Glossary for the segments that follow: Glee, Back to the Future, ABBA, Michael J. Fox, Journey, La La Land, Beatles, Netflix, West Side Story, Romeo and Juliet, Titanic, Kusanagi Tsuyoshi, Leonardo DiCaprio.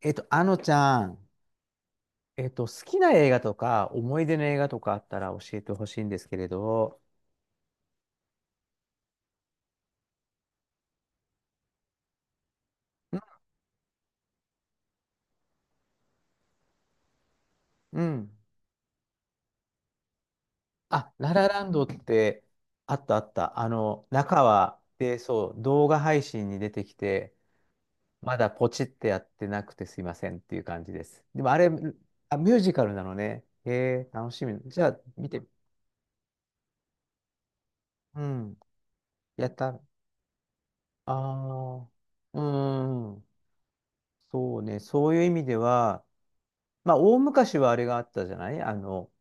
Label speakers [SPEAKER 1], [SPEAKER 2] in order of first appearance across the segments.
[SPEAKER 1] あのちゃん、好きな映画とか、思い出の映画とかあったら教えてほしいんですけれど、うん。うん、あ、ララランドって、あったあった。中は、で、そう、動画配信に出てきて、まだポチってやってなくてすいませんっていう感じです。でもあれ、あ、ミュージカルなのね。へえ、楽しみ。じゃあ、見て。うん。やった。ああ、うん。そうね、そういう意味では、まあ、大昔はあれがあったじゃない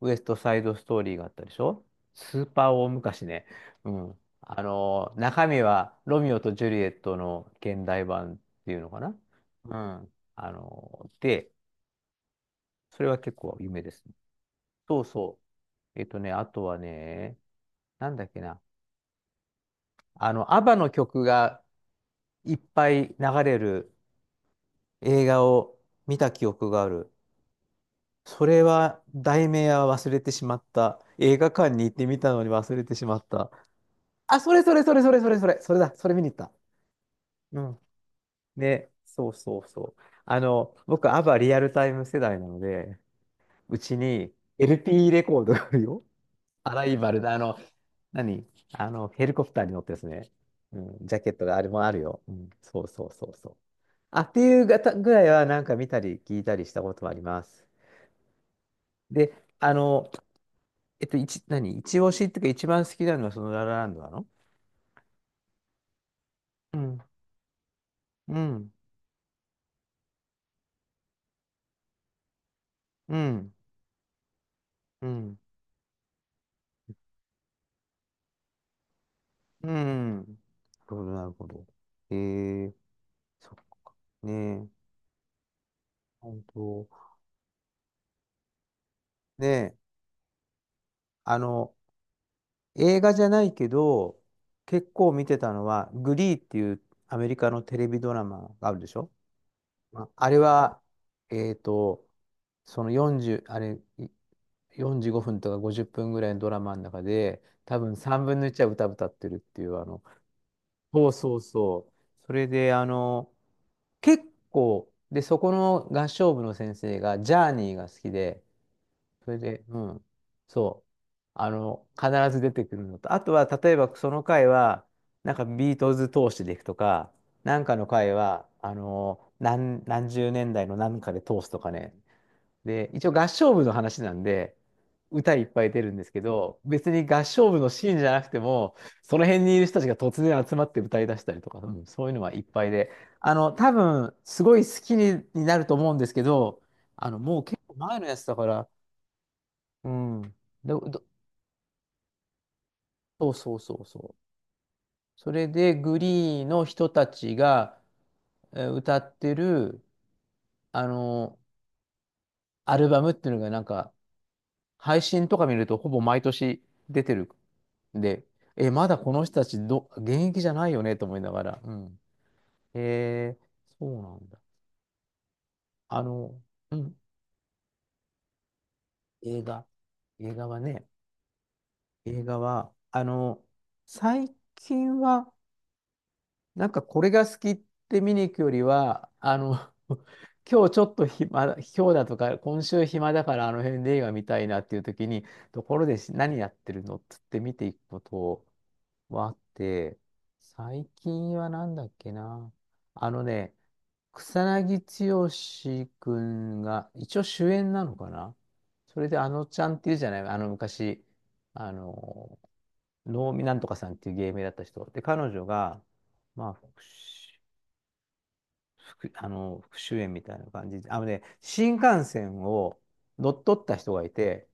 [SPEAKER 1] ウエストサイドストーリーがあったでしょ。スーパー大昔ね。うん。あの、中身はロミオとジュリエットの現代版っていうのかな。うん。それは結構有名ですね。そうそう。えっとね、あとはね、なんだっけな。あの、アバの曲がいっぱい流れる映画を見た記憶がある。それは、題名は忘れてしまった。映画館に行ってみたのに忘れてしまった。あ、それそれそれそれそれそれ、それだ、それ見に行った。うん。ね、そうそうそう。あの、僕、アバリアルタイム世代なので、うちに LP レコードがあるよ。アライバルだ、あの、何あの、ヘリコプターに乗ってですね。うん、ジャケットがあれもあるよ。うん、そうそうそうそう。あ、っていうがたぐらいはなんか見たり聞いたりしたことはあります。で、あの、えっと、一、何一押しっていうか一番好きなのはそのララランドなの。うん、うん、うん、うん、うん。なるほど、なるほど。えー、そっか。ねえ、本当。ねえ、あの、映画じゃないけど、結構見てたのは、グリーっていうアメリカのテレビドラマがあるでしょ。まああれは、えっと、その40、あれ、い45分とか50分ぐらいのドラマの中で、多分3分の1は歌歌ってるっていう、あの、そうそうそう。それで、あの、結構、で、そこの合唱部の先生が、ジャーニーが好きで、それで、うん。そう。あの、必ず出てくるのと。あとは、例えばその回は、なんかビートルズ通してでいくとか、なんかの回は、何十年代の何かで通すとかね。で、一応合唱部の話なんで、歌いっぱい出るんですけど、別に合唱部のシーンじゃなくても、その辺にいる人たちが突然集まって歌い出したりとか、うん、そういうのはいっぱいで、あの、多分、すごい好きに、になると思うんですけど、あの、もう結構前のやつだから、うん。で、どそうそうそうそう。それで、グリーの人たちが歌ってる、あの、アルバムっていうのがなんか、配信とか見るとほぼ毎年出てる。で、え、まだこの人たちど、現役じゃないよねと思いながら。うん。へえ、そうなんだ。あの、うん、映画。映画はね、映画は、あの、最近は、なんかこれが好きって見に行くよりは、あの、今日ちょっと暇だ、今日だとか、今週暇だからあの辺で映画見たいなっていう時に、ところでし何やってるのっつって見ていくことはあって、最近はなんだっけな。あのね、草薙剛君が一応主演なのかな。それであのちゃんっていうじゃない、あの昔、あの、能見なんとかさんっていう芸名だった人。で、彼女が、まあ、復讐復あの復讐演みたいな感じで、あのね、新幹線を乗っ取った人がいて、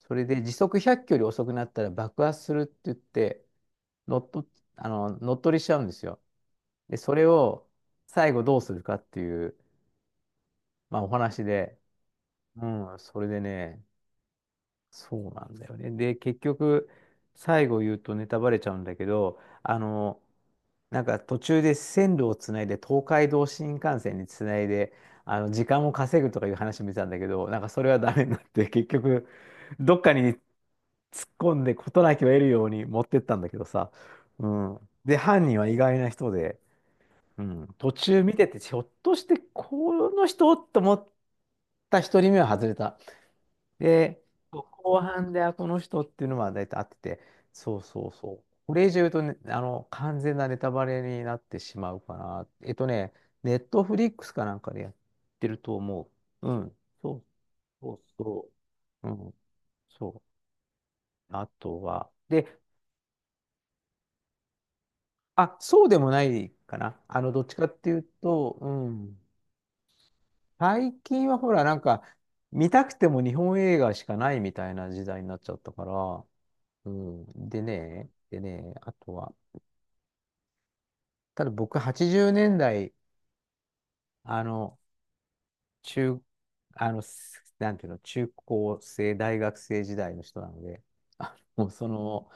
[SPEAKER 1] それで時速100キロより遅くなったら爆発するって言って、乗っ取っ、乗っ取りしちゃうんですよ。で、それを最後どうするかっていう、まあ、お話で、うん、それでね、そうなんだよね。で、結局、最後言うとネタバレちゃうんだけど、あの、なんか途中で線路をつないで、東海道新幹線につないで、あの、時間を稼ぐとかいう話見てたんだけど、なんかそれはダメになって、結局、どっかに突っ込んで事なきを得るように持ってったんだけどさ、うん。で、犯人は意外な人で、うん、途中見てて、ひょっとしてこの人と思った一人目は外れた。で、後半で、あ、この人っていうのは大体合ってて、そうそうそう。これ以上言うとね、あの、完全なネタバレになってしまうかな。えっとね、ネットフリックスかなんかでやってると思う。うん。そうそうそう。うん。そう。あとは、で、あ、そうでもないかな。あの、どっちかっていうと、うん。最近はほら、なんか、見たくても日本映画しかないみたいな時代になっちゃったから、うん。でね、でね、あとは、ただ僕80年代、あの、中、あの、すなんていうの、中高生、大学生時代の人なので、あもうその、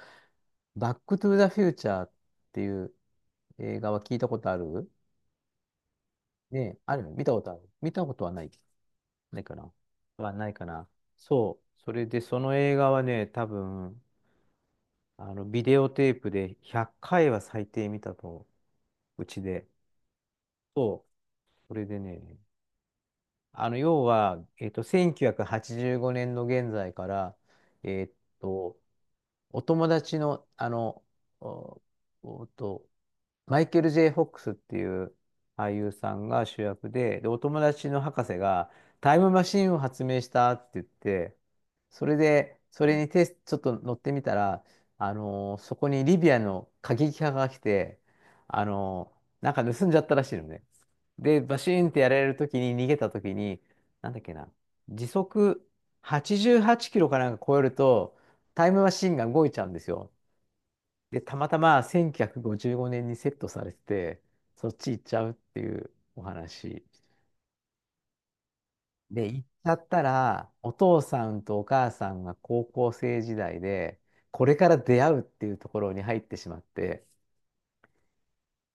[SPEAKER 1] バックトゥーザフューチャーっていう映画は聞いたことあるね、あるの見たことある、見たことはない。ないかな、はないかな。そう。それで、その映画はね、多分、あの、ビデオテープで100回は最低見たと、うちで。そう。それでね、あの、要は、えっと、1985年の現在から、えっと、お友達の、あの、お、おと、マイケル・ J・フォックスっていう俳優さんが主役で、で、お友達の博士がタイムマシンを発明したって言って、それで、それにテスちょっと乗ってみたら、あのーそこにリビアの過激派が来て、あのーなんか盗んじゃったらしいのね。で、バシーンってやられるときに、逃げたときに、なんだっけな、時速88キロかなんか超えると、タイムマシンが動いちゃうんですよ。で、たまたま1955年にセットされてて、そっち行っちゃうっていうお話。で、行っちゃったら、お父さんとお母さんが高校生時代で、これから出会うっていうところに入ってしまって、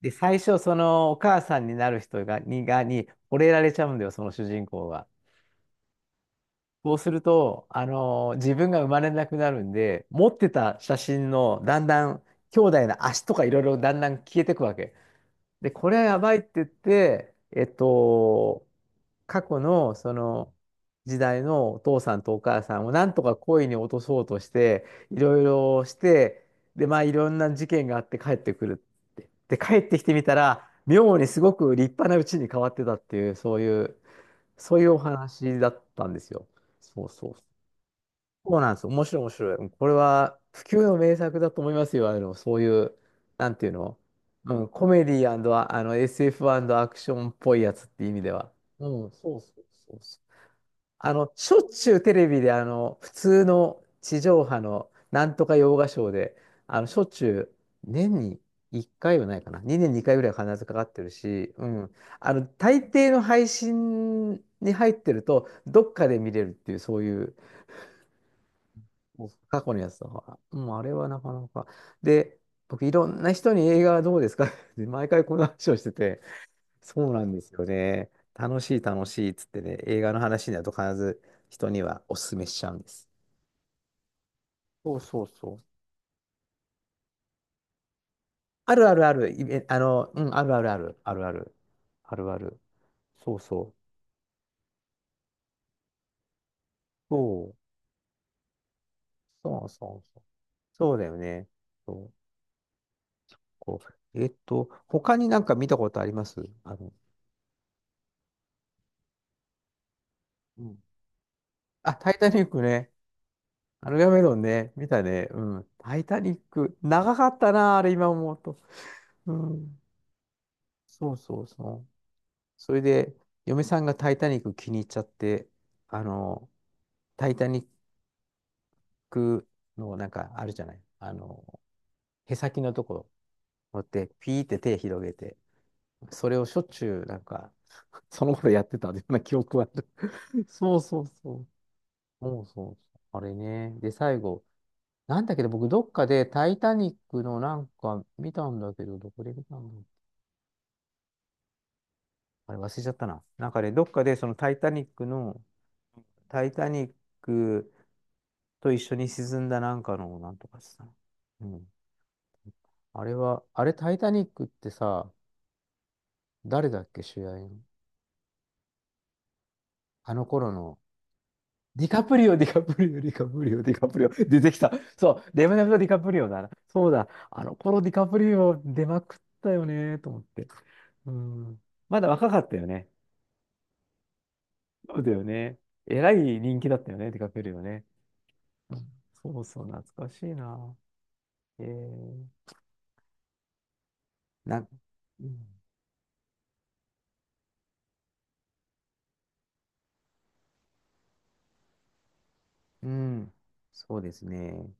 [SPEAKER 1] で、最初、そのお母さんになる人が、に、が、に、惚れられちゃうんだよ、その主人公が。そうすると、あのー自分が生まれなくなるんで、持ってた写真の、だんだん、兄弟の足とかいろいろだんだん消えてくわけ。で、これはやばいって言って、えっと、過去のその時代のお父さんとお母さんをなんとか恋に落とそうとして、いろいろして、で、まあいろんな事件があって帰ってくるって。で、帰ってきてみたら、妙にすごく立派な家に変わってたっていう、そういう、そういうお話だったんですよ。そうそう、そうなんです。面白い、面白い。うん、これは不朽の名作だと思いますよ。あの、そういう、なんていうの、うん、コメディ、あの SF& アクションっぽいやつっていう意味では。うん、そうそうそうそう。あの、しょっちゅうテレビで、あの、普通の地上波のなんとか洋画ショーで、あの、しょっちゅう年に1回はないかな。2年に2回ぐらいは必ずかかってるし、うん。あの、大抵の配信に入ってると、どっかで見れるっていう、そういう、もう過去のやつとか、もうあれはなかなか。で、僕、いろんな人に映画はどうですか って毎回この話をしてて、そうなんですよね。楽しい、楽しいっつってね、映画の話になると必ず人にはお勧めしちゃうんです。そうそうそう。あるあるある、いえあの、うん、あるあるある、あるある、あるある。そうそう。そう、そうそうそう。そうだよね。そう、こう。えっと、他になんか見たことありますあの、うん。あ、タイタニックね。アルガメロンね、見たね。うん。タイタニック。長かったな、あれ今思うと。うん。そうそうそう。それで、嫁さんがタイタニック気に入っちゃって、あの、タイタニックのなんかあるじゃない。あの、へさきのところ持って、ピーって手広げて、それをしょっちゅうなんか、その頃やってたような記憶はある。そうそうそう。そうそうそう。あれね。で、最後、なんだけど、僕どっかでタイタニックのなんか見たんだけど、どこで見たんだろう。あれ忘れちゃったな。なんかね、どっかでそのタイタニックの、タイタニックと一緒に沈んだなんかのなんとかしたな。うん。あれは、あれタイタニックってさ、誰だっけ主演の。あの頃の。ディカプリオ、ディカプリオ、ディカプリオ、ディカプリオ。出てきた。そう、レムナブト・ディカプリオだな。そうだ。あの頃ディカプリオ出まくったよね、と思って。うん。まだ若かったよね。そうだよね。えらい人気だったよね、ディカプリオね。そうそう、懐かしいな。えー、な、うん、うん、そうですね。